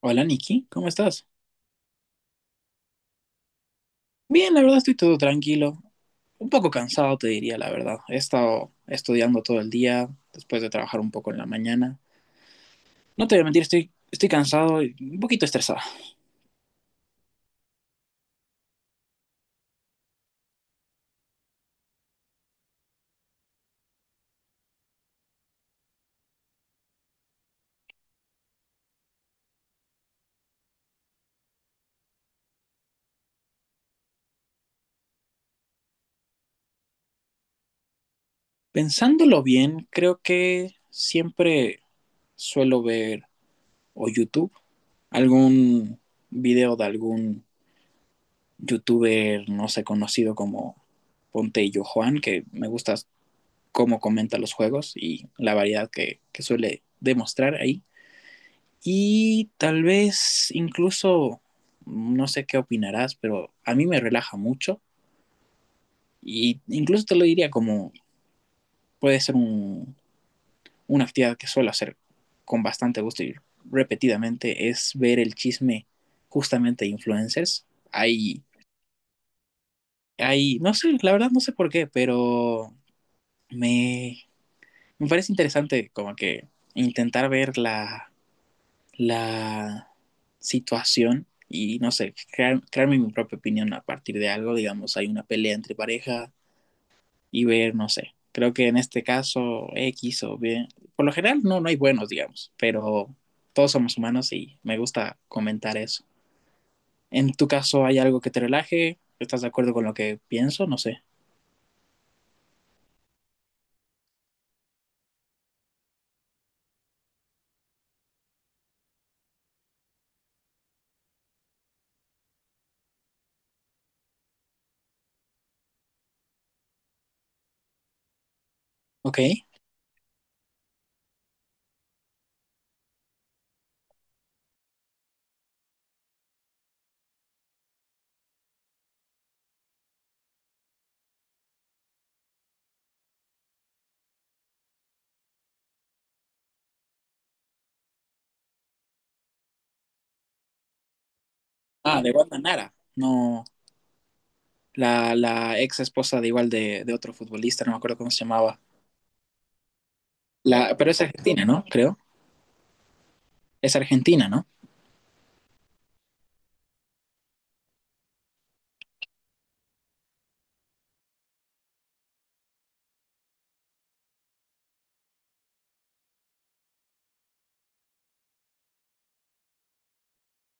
Hola Nikki, ¿cómo estás? Bien, la verdad estoy todo tranquilo. Un poco cansado, te diría la verdad. He estado estudiando todo el día, después de trabajar un poco en la mañana. No te voy a mentir, estoy cansado y un poquito estresado. Pensándolo bien, creo que siempre suelo ver o YouTube, algún video de algún youtuber, no sé, conocido como Ponte y Yo Juan, que me gusta cómo comenta los juegos y la variedad que suele demostrar ahí. Y tal vez incluso, no sé qué opinarás, pero a mí me relaja mucho. Y incluso te lo diría como puede ser una actividad que suelo hacer con bastante gusto y repetidamente, es ver el chisme justamente de influencers. Hay, hay, no sé, la verdad no sé por qué, pero me, me parece interesante como que intentar ver la situación y no sé, crearme mi propia opinión a partir de algo, digamos, hay una pelea entre pareja y ver, no sé, creo que en este caso X o B, por lo general no hay buenos, digamos, pero todos somos humanos y me gusta comentar eso. En tu caso, ¿hay algo que te relaje? ¿Estás de acuerdo con lo que pienso? No sé. Ok. Ah, de Wanda Nara. No, la ex esposa de igual de otro futbolista, no me acuerdo cómo se llamaba. La, pero es argentina, ¿no? Creo. Es Argentina, ¿no?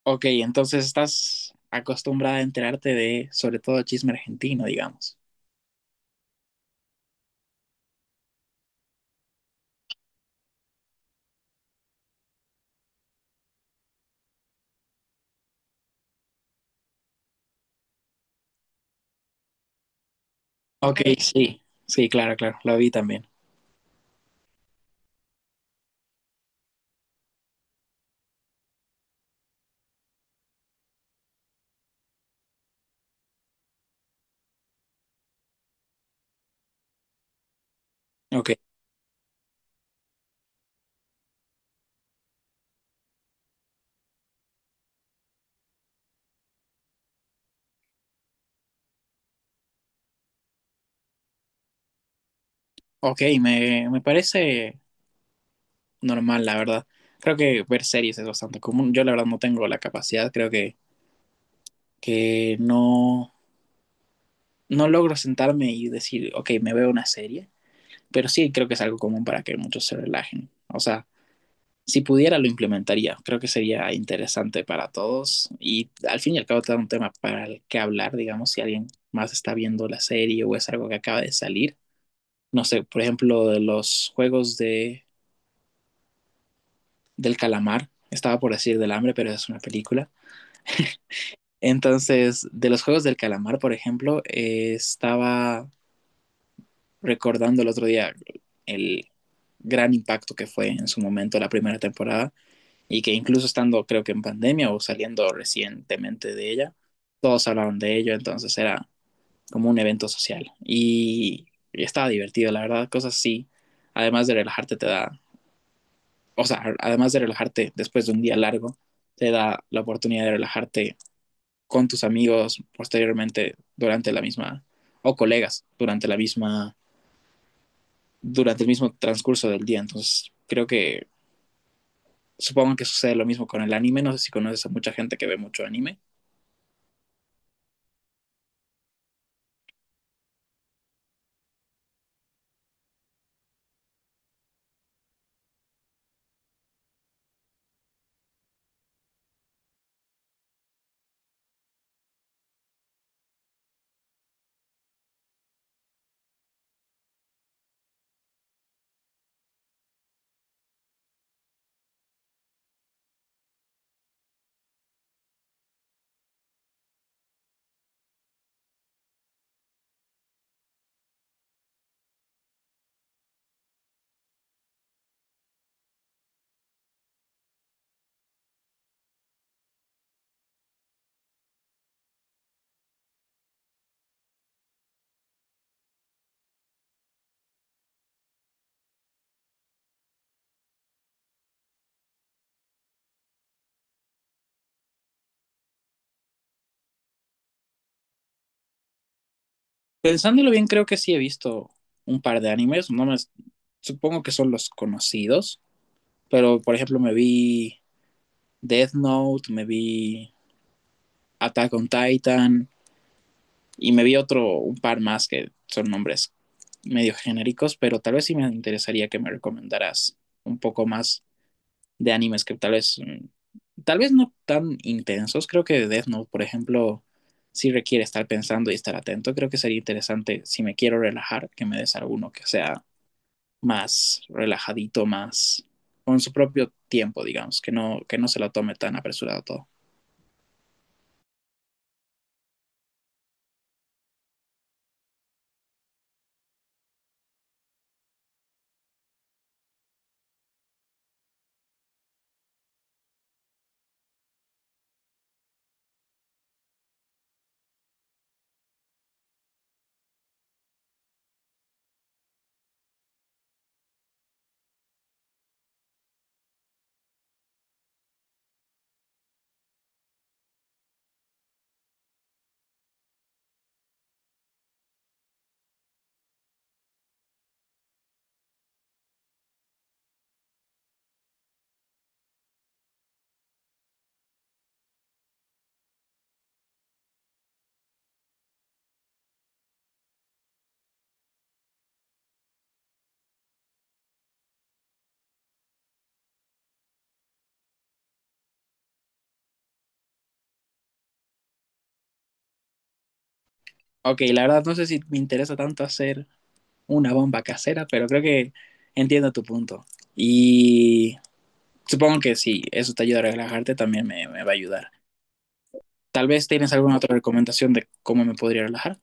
Ok, entonces estás acostumbrada a enterarte de, sobre todo, chisme argentino, digamos. Ok, sí, sí, claro, claro, lo vi también. Ok, ok, me parece normal, la verdad. Creo que ver series es bastante común. Yo la verdad no tengo la capacidad, que no, no logro sentarme y decir, ok, me veo una serie, pero sí creo que es algo común para que muchos se relajen. O sea, si pudiera lo implementaría, creo que sería interesante para todos y al fin y al cabo te da un tema para el que hablar, digamos, si alguien más está viendo la serie o es algo que acaba de salir. No sé, por ejemplo, de los juegos del calamar, estaba por decir del hambre, pero es una película. Entonces, de los juegos del calamar, por ejemplo, estaba recordando el otro día el gran impacto que fue en su momento la primera temporada y que incluso estando creo que en pandemia o saliendo recientemente de ella, todos hablaban de ello, entonces era como un evento social y estaba divertido, la verdad, cosas así, además de relajarte te da, o sea, además de relajarte después de un día largo, te da la oportunidad de relajarte con tus amigos posteriormente durante la misma, o colegas durante la misma durante el mismo transcurso del día. Entonces, creo que supongo que sucede lo mismo con el anime. No sé si conoces a mucha gente que ve mucho anime. Pensándolo bien, creo que sí he visto un par de animes. No me, supongo que son los conocidos. Pero, por ejemplo, me vi Death Note, me vi Attack on Titan y me vi otro, un par más que son nombres medio genéricos, pero tal vez sí me interesaría que me recomendaras un poco más de animes que tal vez, tal vez no tan intensos. Creo que Death Note, por ejemplo, sí requiere estar pensando y estar atento. Creo que sería interesante, si me quiero relajar, que me des alguno que sea más relajadito, más con su propio tiempo, digamos, que no se lo tome tan apresurado todo. Ok, la verdad no sé si me interesa tanto hacer una bomba casera, pero creo que entiendo tu punto. Y supongo que si eso te ayuda a relajarte, también me va a ayudar. Tal vez tienes alguna otra recomendación de cómo me podría relajar.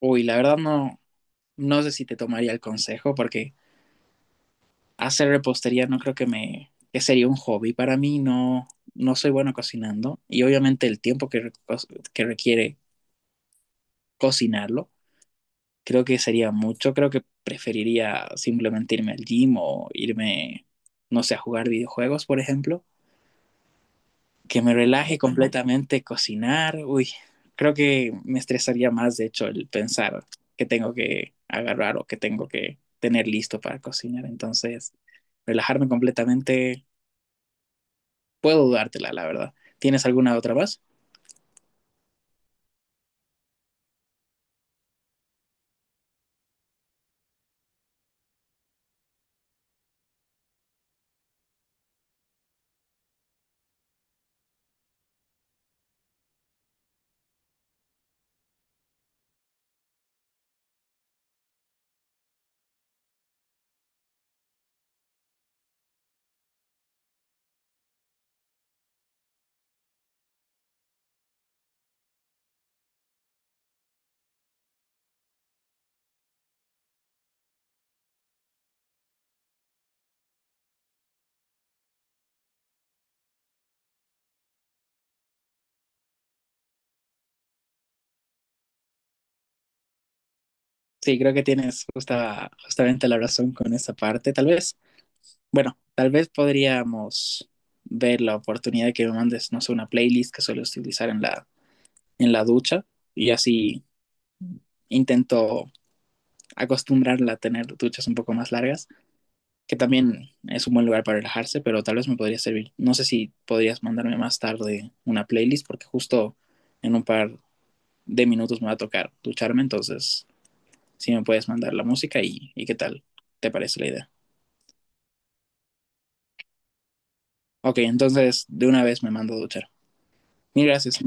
Uy, la verdad no, no sé si te tomaría el consejo porque hacer repostería no creo que sería un hobby para mí. No, no soy bueno cocinando y obviamente el tiempo que que requiere cocinarlo creo que sería mucho. Creo que preferiría simplemente irme al gym o irme, no sé, a jugar videojuegos, por ejemplo que me relaje completamente cocinar, uy, creo que me estresaría más, de hecho, el pensar que tengo que agarrar o que tengo que tener listo para cocinar. Entonces, relajarme completamente, puedo dudártela, la verdad. ¿Tienes alguna otra más? Sí, creo que tienes justamente la razón con esa parte, tal vez. Bueno, tal vez podríamos ver la oportunidad de que me mandes, no sé, una playlist que suelo utilizar en en la ducha y así intento acostumbrarla a tener duchas un poco más largas, que también es un buen lugar para relajarse, pero tal vez me podría servir. No sé si podrías mandarme más tarde una playlist, porque justo en un par de minutos me va a tocar ducharme, entonces si me puedes mandar la música y qué tal te parece la idea. Ok, entonces de una vez me mando a duchar. Mil gracias.